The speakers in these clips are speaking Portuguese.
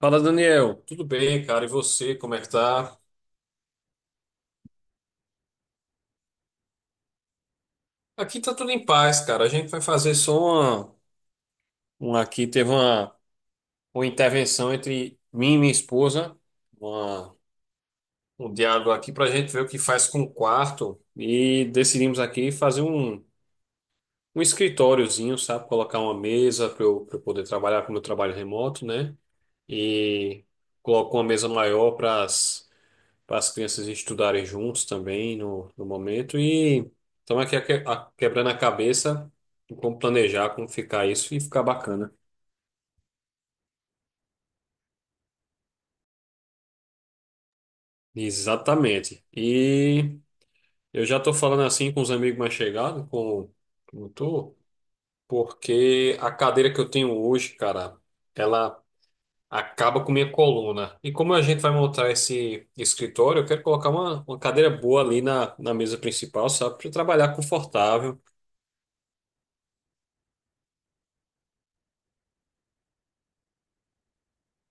Fala, Daniel. Tudo bem, cara? E você, como é que tá? Aqui tá tudo em paz, cara. A gente vai fazer só uma aqui teve uma intervenção entre mim e minha esposa, uma- um diálogo aqui pra gente ver o que faz com o quarto e decidimos aqui fazer um escritóriozinho, sabe? Colocar uma mesa para pra eu poder trabalhar com o meu trabalho remoto, né? E colocar uma mesa maior para as crianças estudarem juntos também no momento. E estamos aqui quebrando a cabeça em como planejar, como ficar isso e ficar bacana. Exatamente. E eu já estou falando assim com os amigos mais chegados, com como tu, porque a cadeira que eu tenho hoje, cara, ela acaba com minha coluna. E como a gente vai montar esse escritório, eu quero colocar uma cadeira boa ali na mesa principal, sabe? Para trabalhar confortável.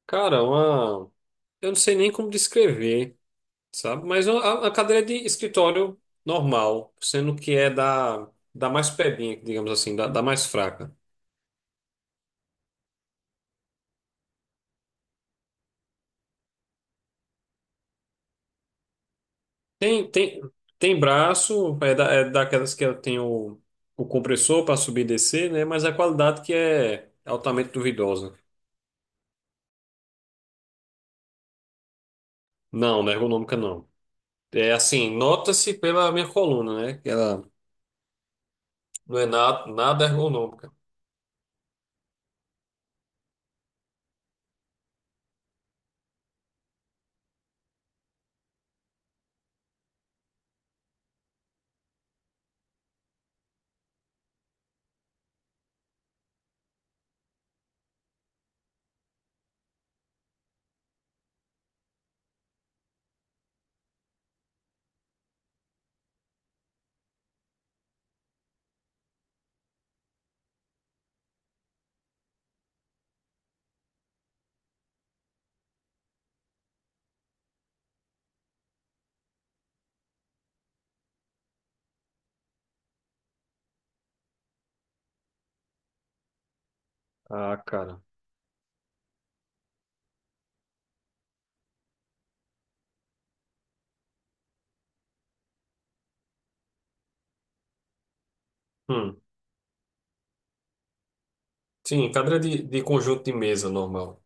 Cara, uma, Eu não sei nem como descrever, sabe? Mas a cadeira de escritório normal, sendo que é da mais pebinha, digamos assim, da mais fraca. Tem, tem, tem braço, é, é daquelas que tem o compressor para subir e descer, né? Mas a qualidade que é altamente duvidosa. Não, não é ergonômica, não. É assim, nota-se pela minha coluna, né? Que ela não é nada, nada ergonômica. Ah, cara. Hum. Sim, cadeira de conjunto de mesa normal.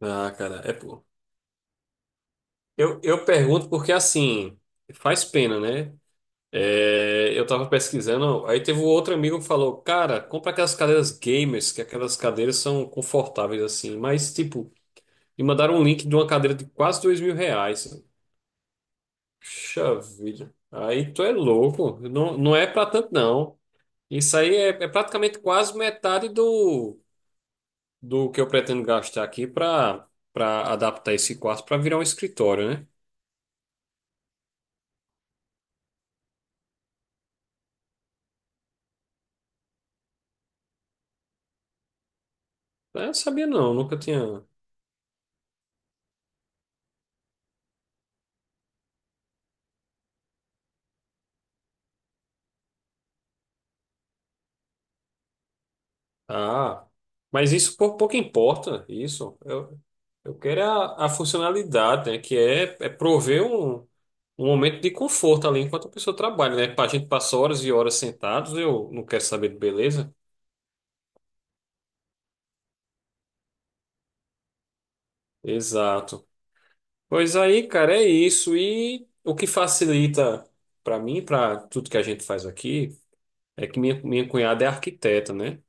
Ah, cara, é. Eu pergunto porque, assim, faz pena, né? É, eu tava pesquisando, aí teve um outro amigo que falou, cara, compra aquelas cadeiras gamers, que aquelas cadeiras são confortáveis, assim. Mas, tipo, me mandaram um link de uma cadeira de quase dois mil reais. Puxa vida. Aí tu é louco. Não, não é pra tanto, não. Isso aí é, é praticamente quase metade do que eu pretendo gastar aqui pra adaptar esse quarto pra virar um escritório, né? Eu não sabia, não. Nunca tinha. Ah, mas isso pouco importa, isso. Eu quero é a funcionalidade, né? Que é prover um momento de conforto ali enquanto a pessoa trabalha, né? A gente passa horas e horas sentados, eu não quero saber de beleza. Exato. Pois aí, cara, é isso. E o que facilita para mim, para tudo que a gente faz aqui, é que minha cunhada é arquiteta, né?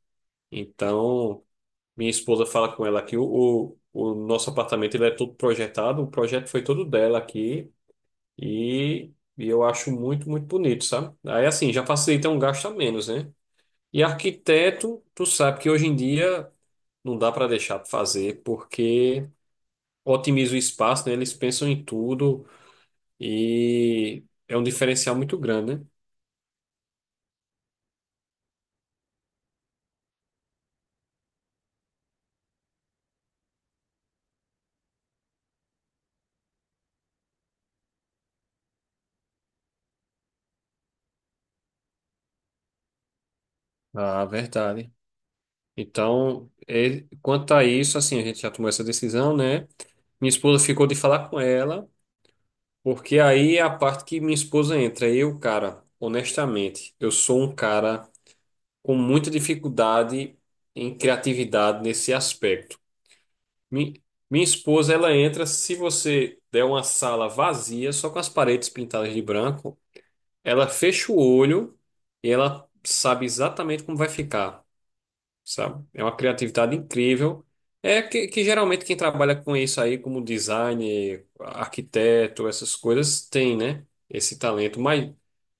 Então, minha esposa fala com ela que o nosso apartamento ele é todo projetado, o projeto foi todo dela aqui e, eu acho muito bonito, sabe? Aí assim, já facilita um gasto a menos, né? E arquiteto, tu sabe que hoje em dia não dá para deixar de fazer porque otimiza o espaço, né? Eles pensam em tudo e é um diferencial muito grande, né? Ah, verdade. Então, quanto a isso, assim, a gente já tomou essa decisão, né? Minha esposa ficou de falar com ela. Porque aí é a parte que minha esposa entra. Eu, cara, honestamente, eu sou um cara com muita dificuldade em criatividade nesse aspecto. Mi- Minha esposa, ela entra se você der uma sala vazia, só com as paredes pintadas de branco, ela fecha o olho e ela sabe exatamente como vai ficar, sabe? É uma criatividade incrível. É que geralmente quem trabalha com isso aí, como design, arquiteto, essas coisas, tem, né? Esse talento.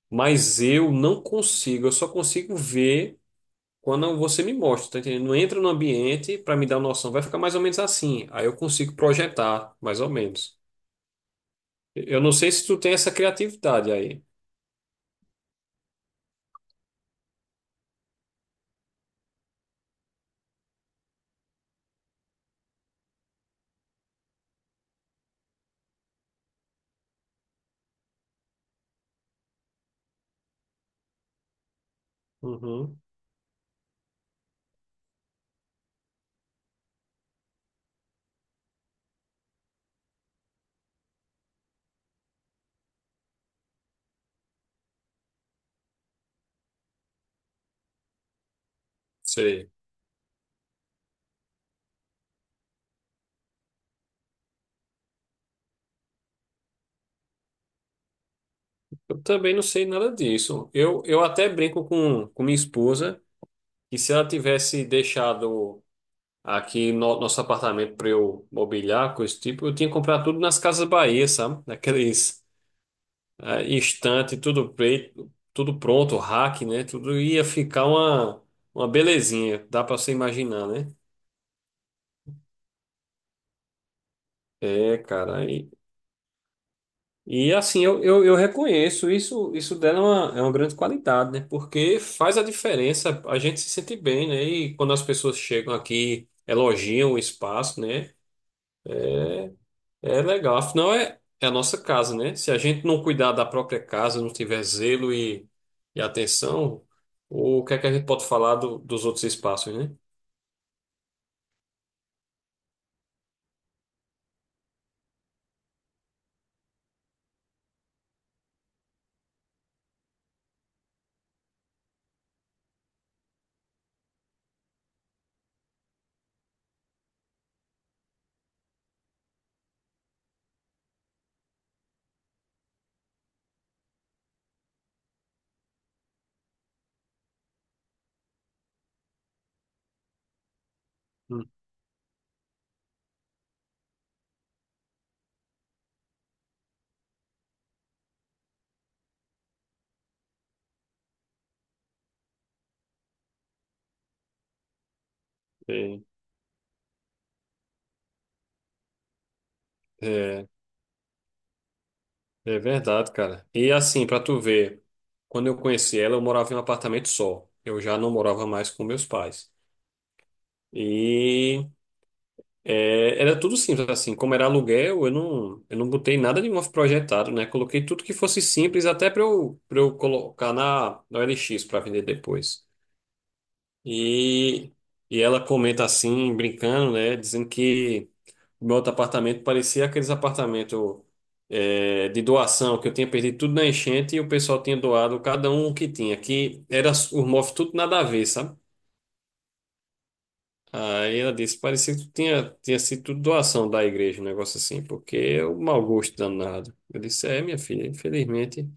Mas eu não consigo, eu só consigo ver quando você me mostra, tá entendendo? Não entra no ambiente para me dar uma noção, vai ficar mais ou menos assim. Aí eu consigo projetar, mais ou menos. Eu não sei se tu tem essa criatividade aí. Uhum, sei. Eu também não sei nada disso. Eu até brinco com minha esposa que se ela tivesse deixado aqui no, nosso apartamento para eu mobiliar, coisa do tipo, eu tinha comprado tudo nas Casas Bahia, sabe? Naqueles instante, tudo preto, tudo pronto, rack, né? Tudo ia ficar uma belezinha, dá para você imaginar, né? É, cara. E assim, eu reconheço isso, isso dela é é uma grande qualidade, né? Porque faz a diferença, a gente se sente bem, né? E quando as pessoas chegam aqui, elogiam o espaço, né? É legal, afinal é a nossa casa, né? Se a gente não cuidar da própria casa, não tiver zelo e atenção, o que é que a gente pode falar dos outros espaços, né? Hum. É, é, é verdade, cara. E assim, pra tu ver, quando eu conheci ela, eu morava em um apartamento só. Eu já não morava mais com meus pais. E é, era tudo simples, assim, como era aluguel, eu não botei nada de novo projetado, né? Coloquei tudo que fosse simples, até para para eu colocar na OLX para vender depois. E, e ela comenta assim, brincando, né? Dizendo que meu outro apartamento parecia aqueles apartamentos é, de doação, que eu tinha perdido tudo na enchente e o pessoal tinha doado cada um o que tinha, que era os móveis tudo nada a ver, sabe? Aí ela disse, parecia que tinha sido tudo doação da igreja, um negócio assim, porque é um mau gosto danado. Eu disse, é, minha filha, infelizmente,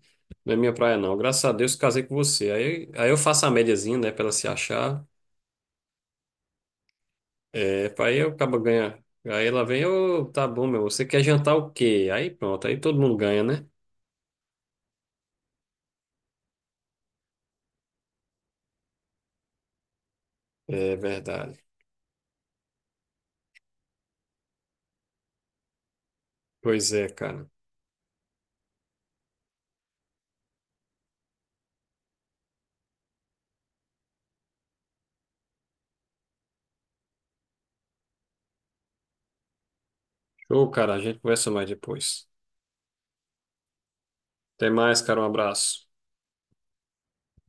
não é minha praia não. Graças a Deus casei com você. Aí eu faço a médiazinha, né, pra ela se achar. É, pra aí eu acabo ganhando. Aí ela vem, ô, tá bom, meu, você quer jantar o quê? Aí pronto, aí todo mundo ganha, né? É verdade. Pois é, cara. Show, cara, a gente conversa mais depois. Até mais, cara, um abraço.